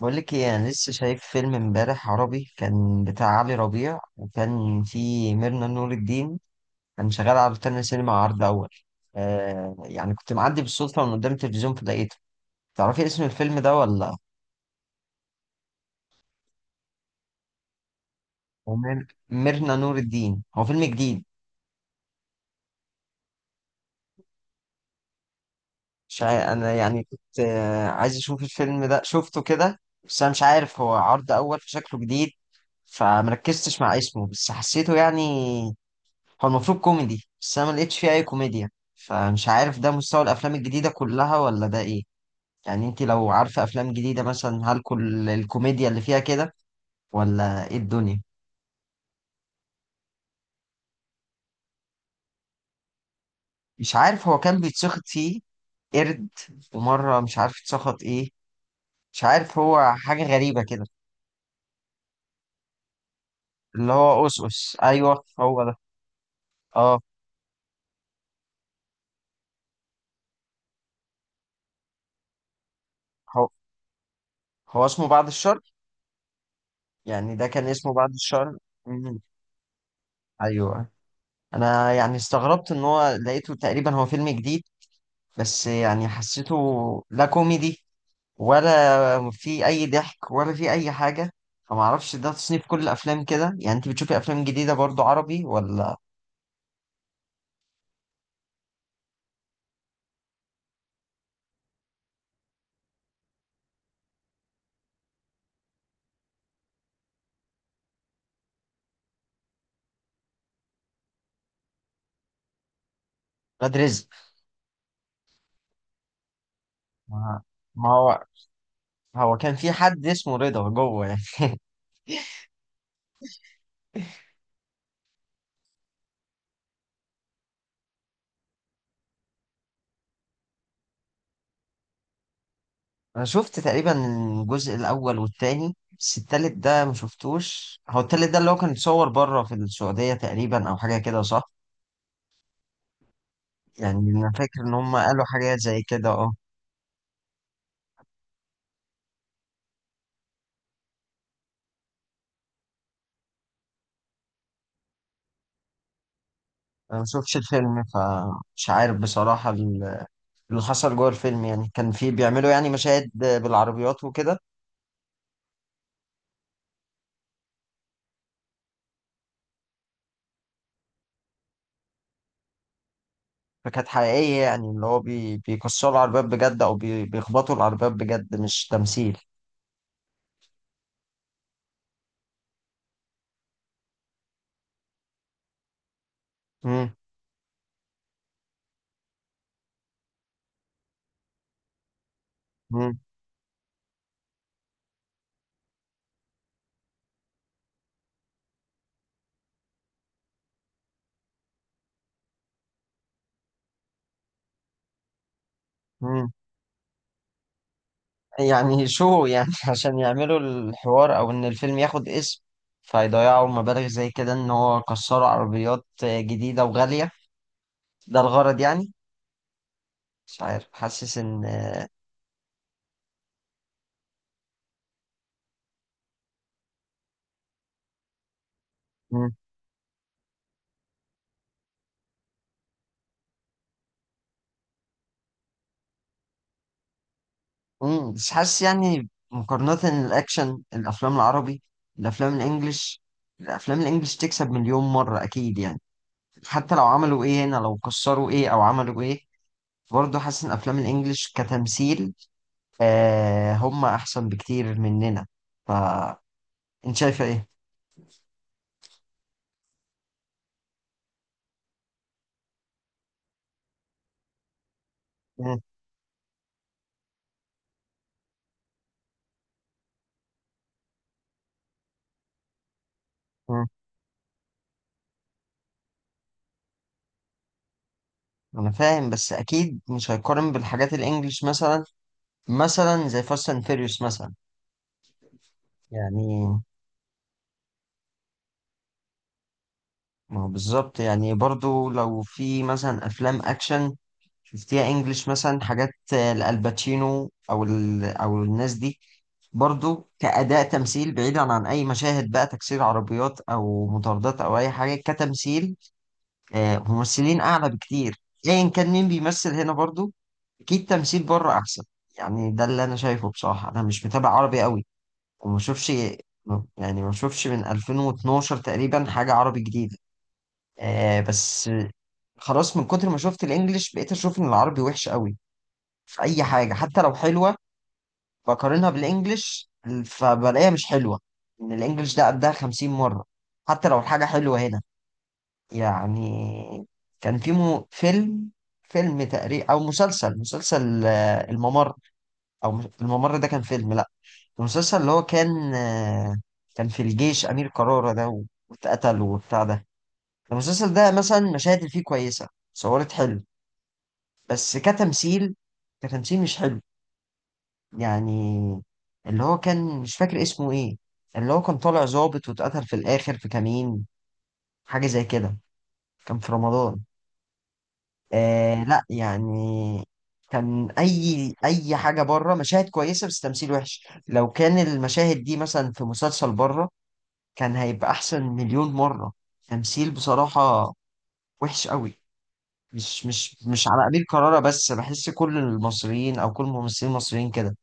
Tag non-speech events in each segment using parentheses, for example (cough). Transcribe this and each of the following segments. بقول لك ايه، انا لسه شايف فيلم امبارح عربي كان بتاع علي ربيع وكان فيه ميرنا نور الدين. كان شغال على روتانا سينما عرض اول. يعني كنت معدي بالصدفه من قدام التلفزيون فلقيته. تعرفي اسم الفيلم ده ولا؟ هو ميرنا نور الدين، هو فيلم جديد. مش عا- انا يعني كنت عايز اشوف الفيلم ده، شفته كده، بس انا مش عارف هو عرض اول فشكله جديد. فمركزتش مع اسمه، بس حسيته يعني. هو المفروض كوميدي بس انا ما لقيتش فيه اي كوميديا. فمش عارف ده مستوى الافلام الجديده كلها ولا ده ايه. يعني انت لو عارفه افلام جديده مثلا، هل كل الكوميديا اللي فيها كده ولا ايه الدنيا؟ مش عارف هو كان بيتسخط فيه قرد ومره، مش عارف اتسخط ايه. مش عارف، هو حاجه غريبه كده. اللي هو اوسوس، ايوه هو ده. اه. هو هو اسمه بعد الشر، يعني ده كان اسمه بعد الشر. مم. ايوه. انا يعني استغربت ان هو لقيته تقريبا هو فيلم جديد. بس يعني حسيته لا كوميدي ولا في اي ضحك ولا في اي حاجه. فما اعرفش ده تصنيف كل الافلام كده. يعني انت بتشوفي افلام جديده برضو عربي ولا؟ ولاد رزق. ما ما هو هو كان في حد اسمه رضا جوه يعني. انا شفت تقريبا الجزء الاول والتاني، بس التالت ده ما شفتوش. هو التالت ده اللي هو كان اتصور بره في السعوديه تقريبا او حاجه كده صح؟ يعني انا فاكر ان هم قالوا حاجات زي كده، اه. انا ما شفتش الفيلم فمش عارف بصراحه اللي حصل جوه الفيلم. يعني كان في بيعملوا يعني مشاهد بالعربيات وكده؟ فكانت حقيقية يعني، اللي هو بيكسروا العربيات بجد أو بيخبطوا العربيات بجد، مش تمثيل. مم. مم. مم. يعني شو يعني (laughs) عشان يعملوا الحوار أو إن الفيلم ياخد اسم، فيضيعوا مبالغ زي كده إن هو كسروا عربيات جديدة وغالية؟ ده الغرض يعني؟ مش عارف، حاسس إن، مم، بس حاسس يعني مقارنة الأكشن، الأفلام العربي، الأفلام الإنجليش، الأفلام الإنجليش تكسب مليون مرة أكيد يعني. حتى لو عملوا إيه هنا، لو كسروا إيه أو عملوا إيه، برضه حاسس إن أفلام الإنجليش كتمثيل، آه، هم أحسن بكتير مننا. فأنت شايفة إيه؟ مم، مم. أنا فاهم، بس أكيد مش هيقارن بالحاجات الإنجليش مثلا، مثلا زي فاست أند فيريوس مثلا. يعني ما هو بالظبط. يعني برضو لو في مثلا أفلام أكشن شفتيها انجلش مثلا، حاجات لالباتشينو او او الناس دي، برضو كأداء تمثيل بعيدا عن أي مشاهد بقى تكسير عربيات أو مطاردات أو أي حاجة، كتمثيل، ممثلين أعلى بكتير، أيا كان مين بيمثل هنا. برضو أكيد تمثيل بره أحسن. يعني ده اللي أنا شايفه بصراحة. أنا مش متابع عربي قوي وما شوفش، يعني ما شوفش من 2012 تقريبا حاجة عربي جديدة. بس خلاص، من كتر ما شفت الإنجليش بقيت أشوف إن العربي وحش قوي في اي حاجه. حتى لو حلوه بقارنها بالانجليش فبلاقيها مش حلوه، ان الانجليش ده قدها 50 مره حتى لو الحاجه حلوه هنا. يعني كان في مو فيلم فيلم تقريبا او مسلسل، الممر، او الممر ده كان فيلم، لا، المسلسل اللي هو كان، كان في الجيش امير قرارة ده واتقتل وبتاع ده. المسلسل ده مثلا مشاهد اللي فيه كويسه، صورت حلو، بس كتمثيل، كتمثيل مش حلو يعني. اللي هو كان مش فاكر اسمه ايه، اللي هو كان طالع ظابط واتقتل في الاخر في كمين، حاجة زي كده. كان في رمضان. آه لا يعني كان اي حاجة بره مشاهد كويسة بس تمثيل وحش. لو كان المشاهد دي مثلا في مسلسل بره كان هيبقى احسن مليون مرة. تمثيل بصراحة وحش قوي. مش على قليل قرارة بس، بحس كل المصريين او كل الممثلين المصريين كده.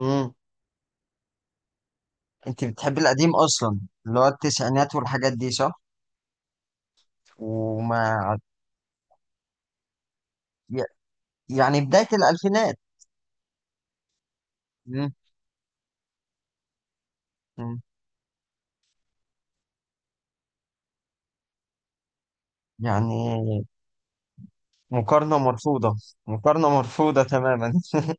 مم. انت بتحبي القديم اصلا، اللي هو التسعينات والحاجات دي صح؟ وما ي- يعني بداية الالفينات. مم. مم. يعني مقارنة مرفوضة. مقارنة مرفوضة تماما (laughs)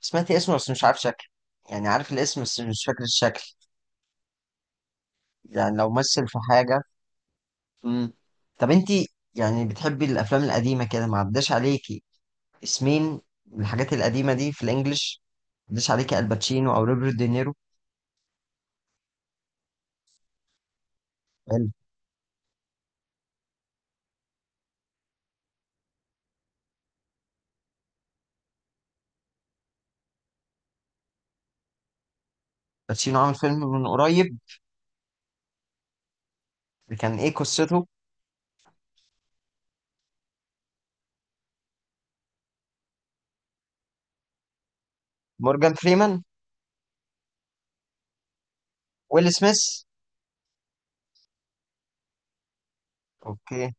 سمعتي اسمه بس مش عارف شكله. يعني عارف الاسم بس مش فاكر الشكل. يعني لو مثل في حاجة. مم. طب انت يعني بتحبي الافلام القديمة كده، ما عداش عليكي اسمين الحاجات القديمة دي في الانجليش. ما عداش عليكي الباتشينو او روبرت دينيرو. الباتشينو عامل فيلم من قريب؟ كان ايه قصته؟ مورجان فريمان؟ ويل سميث؟ اوكي.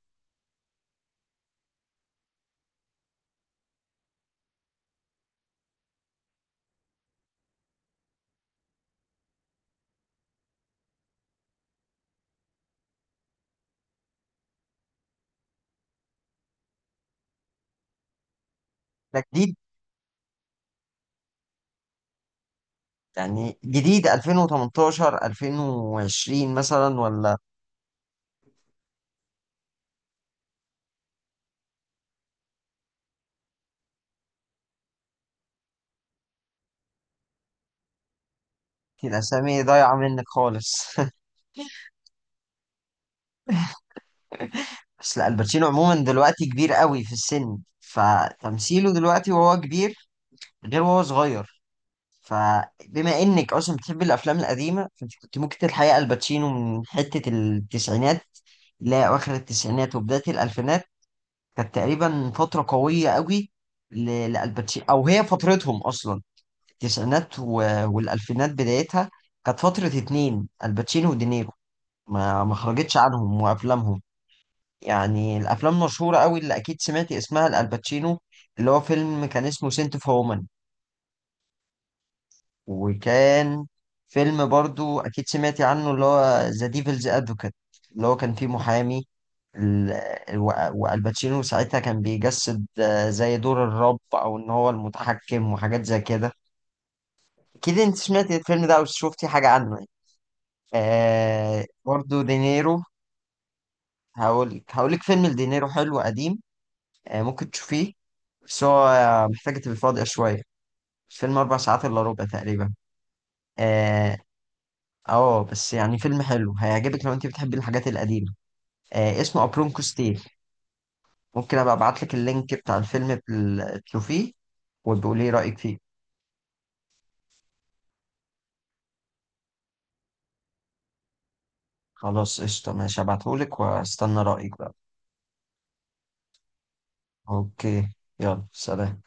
ده جديد؟ يعني جديد 2018 2020 مثلا ولا؟ الاسامي ضايعه منك خالص (laughs) بس لا، الباتشينو عموما دلوقتي كبير قوي في السن، فتمثيله دلوقتي وهو كبير غير وهو صغير. فبما انك اصلا بتحب الافلام القديمه فانت كنت ممكن تلحقي الباتشينو من حته التسعينات. لا، اواخر التسعينات وبدايه الالفينات كانت تقريبا فترة قوية قوي ل- لألباتشينو، أو هي فترتهم أصلا، التسعينات والألفينات بدايتها. كانت فترة اتنين الباتشينو ودينيرو، ما خرجتش عنهم وأفلامهم. يعني الأفلام مشهورة قوي اللي أكيد سمعت اسمها الألباتشينو اللي هو فيلم كان اسمه سنت اوف. وكان فيلم برضو أكيد سمعتي عنه اللي هو ذا ديفلز أدفوكات، اللي هو كان فيه محامي ال- والباتشينو ساعتها كان بيجسد زي دور الرب أو إن هو المتحكم وحاجات زي كده. أكيد أنت سمعتي الفيلم ده أو شفتي حاجة عنه يعني. آه، برضو دينيرو، هقولك فيلم لدينيرو حلو قديم، آه ممكن تشوفيه. بس هو محتاج تبقى فاضية شوية، الفيلم أربع ساعات إلا ربع تقريبا. آه. اه بس يعني فيلم حلو هيعجبك لو انت بتحبي الحاجات القديمة، آه، اسمه أبرونكو ستيل. ممكن ابقى ابعت لك اللينك بتاع الفيلم تشوفيه وتقولي لي رأيك فيه. خلاص قشطة، ماشي، هبعتهولك واستنى رأيك بقى. اوكي. يلا سلام.